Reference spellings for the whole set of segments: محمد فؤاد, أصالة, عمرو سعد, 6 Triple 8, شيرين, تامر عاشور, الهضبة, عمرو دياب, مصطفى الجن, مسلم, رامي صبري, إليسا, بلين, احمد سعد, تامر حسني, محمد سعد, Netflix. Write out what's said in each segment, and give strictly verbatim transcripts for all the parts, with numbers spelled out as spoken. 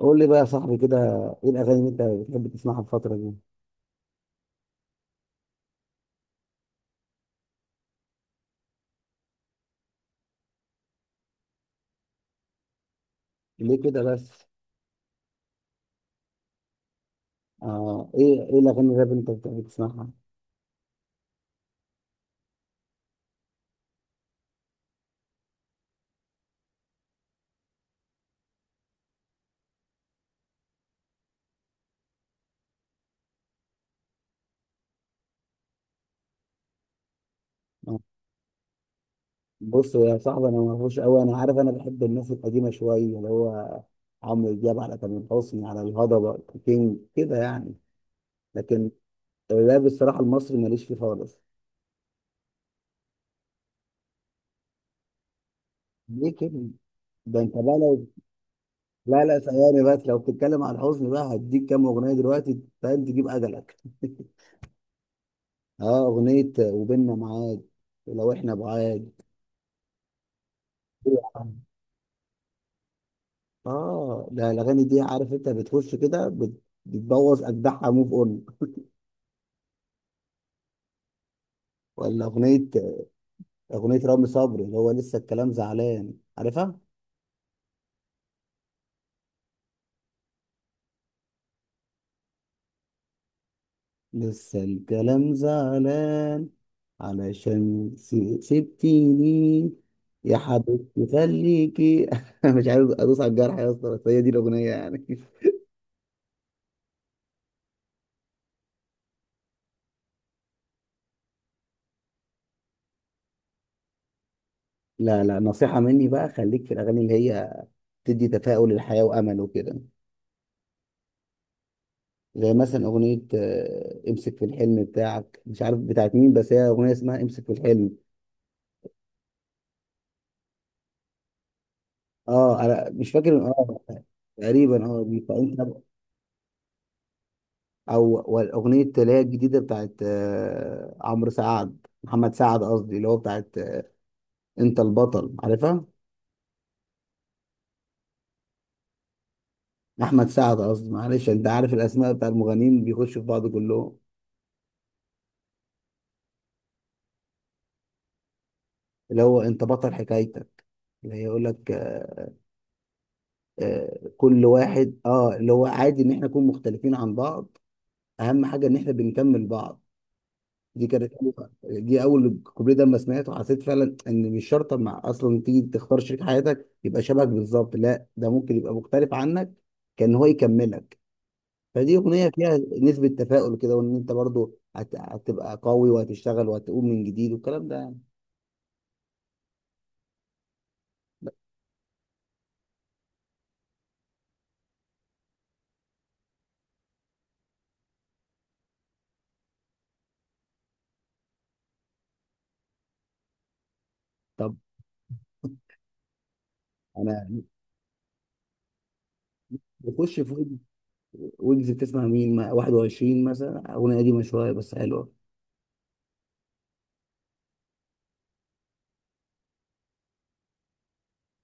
قول لي بقى يا صاحبي كده، ايه الاغاني اللي انت بتحب تسمعها الفتره دي؟ ليه كده بس؟ آه، ايه ايه الاغاني الراب اللي انت بتحب تسمعها؟ آه. بص يا صاحبي انا ما اعرفوش قوي، انا عارف انا بحب الناس القديمه شويه اللي هو عمرو دياب على تامر حسني على الهضبه، كينج كده يعني. لكن الراب الصراحه المصري ماليش فيه خالص. ليه كده؟ ده انت بقى لو، لا لا ثواني بس، لو بتتكلم عن الحزن بقى هديك كام اغنيه دلوقتي فاهم تجيب اجلك. اه، اغنيه وبيننا معاد، لو احنا بعاد. اه ده الاغاني دي عارف انت بتخش كده بت- بتبوظ اجدعها موف اون. ولا اغنيه اغنيه رامي صبري اللي هو لسه الكلام زعلان، عارفها؟ لسه الكلام زعلان علشان س- سبتيني يا حبيبتي خليكي. مش عارف ادوس على الجرح يا اسطى، بس هي دي الاغنيه يعني. لا لا، نصيحه مني بقى، خليك في الاغاني اللي هي بتدي تفاؤل للحياه وامل وكده. زي مثلا اغنيه آه، امسك في الحلم بتاعك، مش عارف بتاعت مين، بس هي اغنيه اسمها امسك في الحلم. اه انا مش فاكر، اه تقريبا اه دي فانت. او والاغنيه اللي هي الجديده بتاعت آه، عمرو سعد، محمد سعد قصدي، اللي هو بتاعت آه، انت البطل، عارفها؟ احمد سعد قصدي، معلش انت عارف الاسماء بتاع المغنيين بيخشوا في بعض كلهم. اللي هو انت بطل حكايتك، اللي هي يقول لك آه، آه، كل واحد، اه اللي هو عادي ان احنا نكون مختلفين عن بعض، اهم حاجه ان احنا بنكمل بعض. دي كانت أول- دي اول كوبليه، ده لما سمعته حسيت فعلا ان مش شرط مع اصلا تيجي تختار شريك حياتك يبقى شبهك بالظبط، لا ده ممكن يبقى مختلف عنك، كان هو يكملك. فدي اغنيه فيها نسبه تفاؤل كده، وان انت برضو هت... هتبقى قوي وهتشتغل وهتقوم من جديد والكلام ده يعني. طب انا بخش في ويجز، ويجز بتسمع مين؟ ما واحد وعشرين مثلا اغنيه قديمه شويه بس حلوه.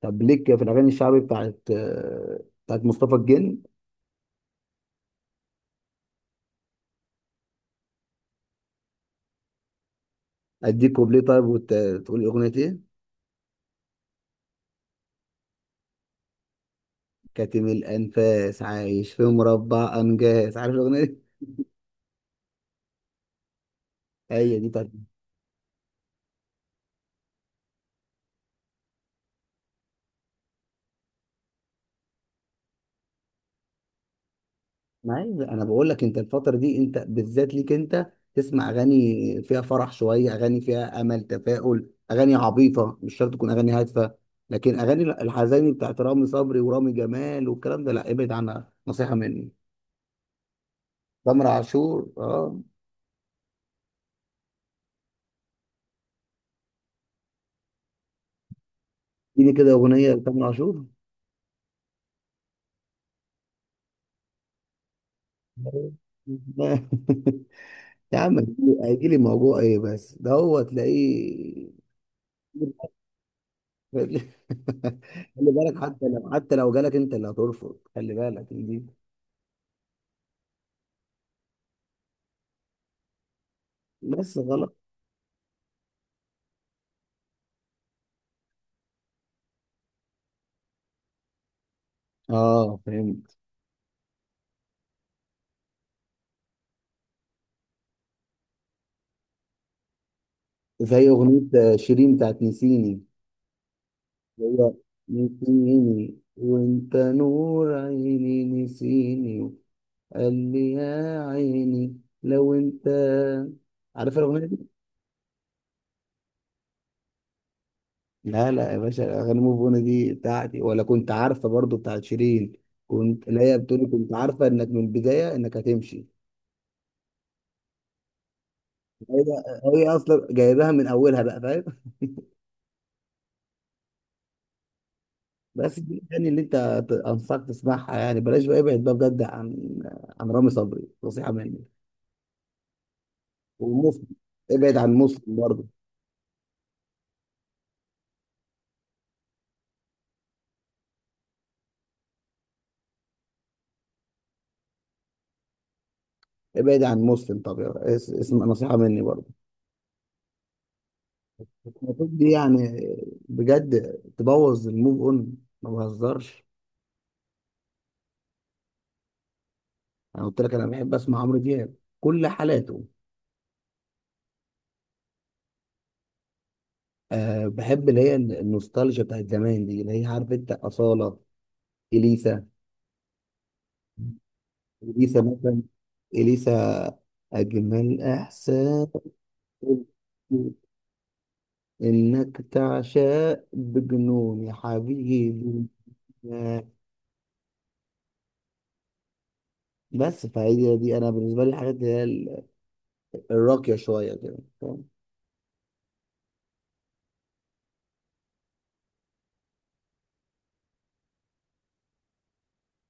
طب ليك في الاغاني الشعبي بتاعت آه، بتاعت مصطفى الجن؟ اديك كوبليه طيب وتقول اغنيه ايه. كاتم الانفاس عايش في مربع انجاز، عارف الاغنيه دي؟ هي دي طيب. ما هي انا بقول لك، انت الفتره دي انت بالذات ليك انت تسمع اغاني فيها فرح شويه، اغاني فيها امل، تفاؤل، اغاني عبيطه مش شرط تكون اغاني هادفه. لكن اغاني الحزيني بتاعت رامي صبري ورامي جمال والكلام ده لا، ابعد عنها نصيحه مني. تامر عاشور اه، اديني كده اغنيه لتامر عاشور. يا عم، هيجي لي موضوع ايه بس ده، هو تلاقيه. خلي بالك، حتى لو حتى لو جالك انت اللي هترفض، خلي بالك دي. بس غلط. اه فهمت. زي اغنية شيرين بتاعت نسيني. هو نسيني وانت نور عيني نسيني، قال لي يا عيني لو انت، عارف الاغنية؟ لا لا يا باشا، اغاني موف اون دي بتاعتي، ولا كنت عارفه برضو بتاعت شيرين؟ كنت، لا هي بتقولي كنت عارفه انك من البدايه انك هتمشي. هي هي اصلا جايباها من اولها بقى، فاهم؟ بس دي الاغاني اللي انت ت- انصحك تسمعها يعني، بلاش بقى، ابعد بقى بجد عن، عن رامي صبري، نصيحه مني. ومسلم، ابعد عن مسلم برضو. ابعد عن مسلم، طب يا- اس- اسم، نصيحه مني برضو. المفروض دي يعني، بجد، تبوظ الموف اون، ما بهزرش. انا قلت لك انا بحب اسمع عمرو دياب، كل حالاته. أه بحب اللي هي النوستالجيا بتاعت زمان دي، اللي هي عارف انت أصالة، إليسا. إليسا مثلا، إليسا، أجمل إحساس، إنك تعشق بجنون يا حبيبي. آه، بس فهي دي أنا بالنسبة لي الحاجات اللي هي ال- الراقية شوية كده، فاهم؟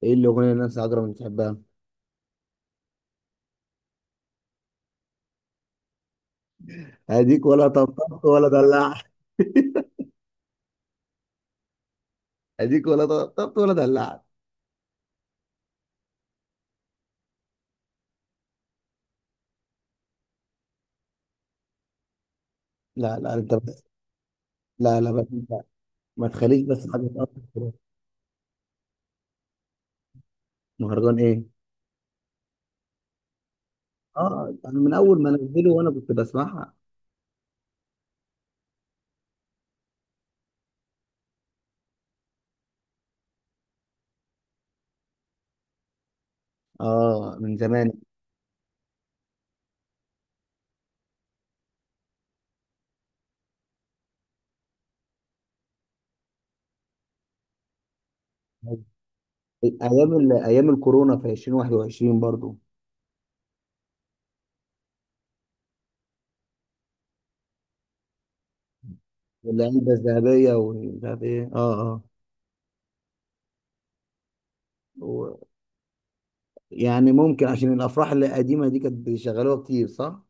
إيه الأغنية اللي الناس عجرة ما بتحبها؟ أديك ولا طبطبت ولا دلعت. أديك ولا طبطبت ولا دلعت. لا لا أنت بس، لا لا بس، ما تخليش بس حاجه تقطع خلاص. مهرجان ايه؟ اه انا من اول ما نزله وانا كنت بسمعها. اه من زمان. ايام ال- ايام الكورونا في ألفين وواحد وعشرين برضو. والعلبه الذهبيه ومش عارف ايه، اه اه. و- يعني ممكن عشان الافراح القديمه دي كانت بيشغلوها كتير، صح؟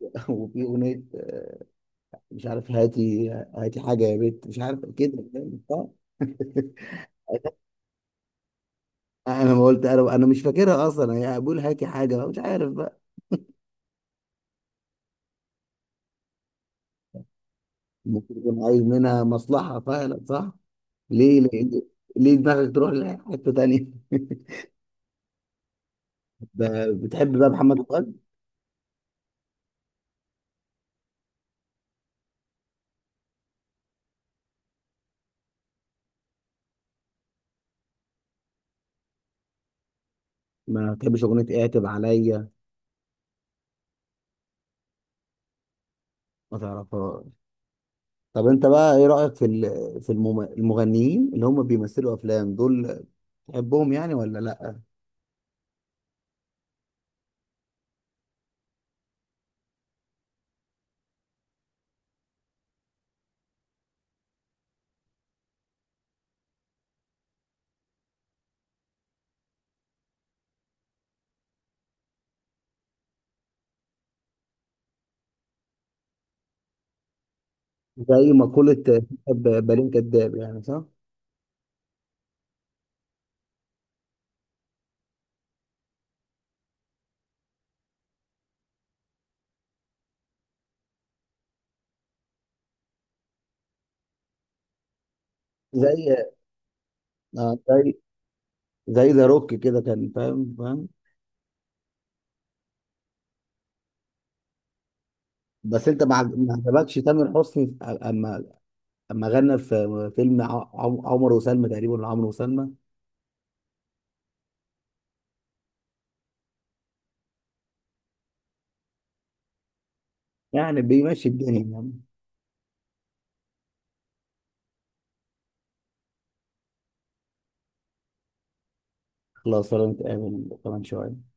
وفي اغنيه آه، مش عارف، هاتي هاتي حاجه يا بنت مش عارف كده، صح؟ انا ما قلت، انا أنا مش فاكرها اصلا، هي بقول هاتي حاجه مش عارف. ممكن يكون عايز منها مصلحة فعلا، صح؟ ليه ليه, ليه دماغك تروح لحتة تانية؟ ب- بتحب بقى محمد فؤاد؟ ما بتحبش أغنية اعتب عليا؟ ما تعرفهاش؟ طب أنت بقى إيه رأيك في ال- في المم- المغنيين اللي هم بيمثلوا أفلام دول؟ بتحبهم يعني ولا لأ؟ زي مقولة ب- بلين كداب، يعني صح؟ زي آه، زي، زي ذا روك كده كان، فاهم فاهم. بس أنت ما عج- ما عجبكش تامر حسني، أما اما غنى في فيلم ع- عم- عمر وسلمى تقريبا، ولا عمرو وسلمى؟ يعني بيمشي الدنيا يعني. خلاص ولا نتقابل كمان شويه؟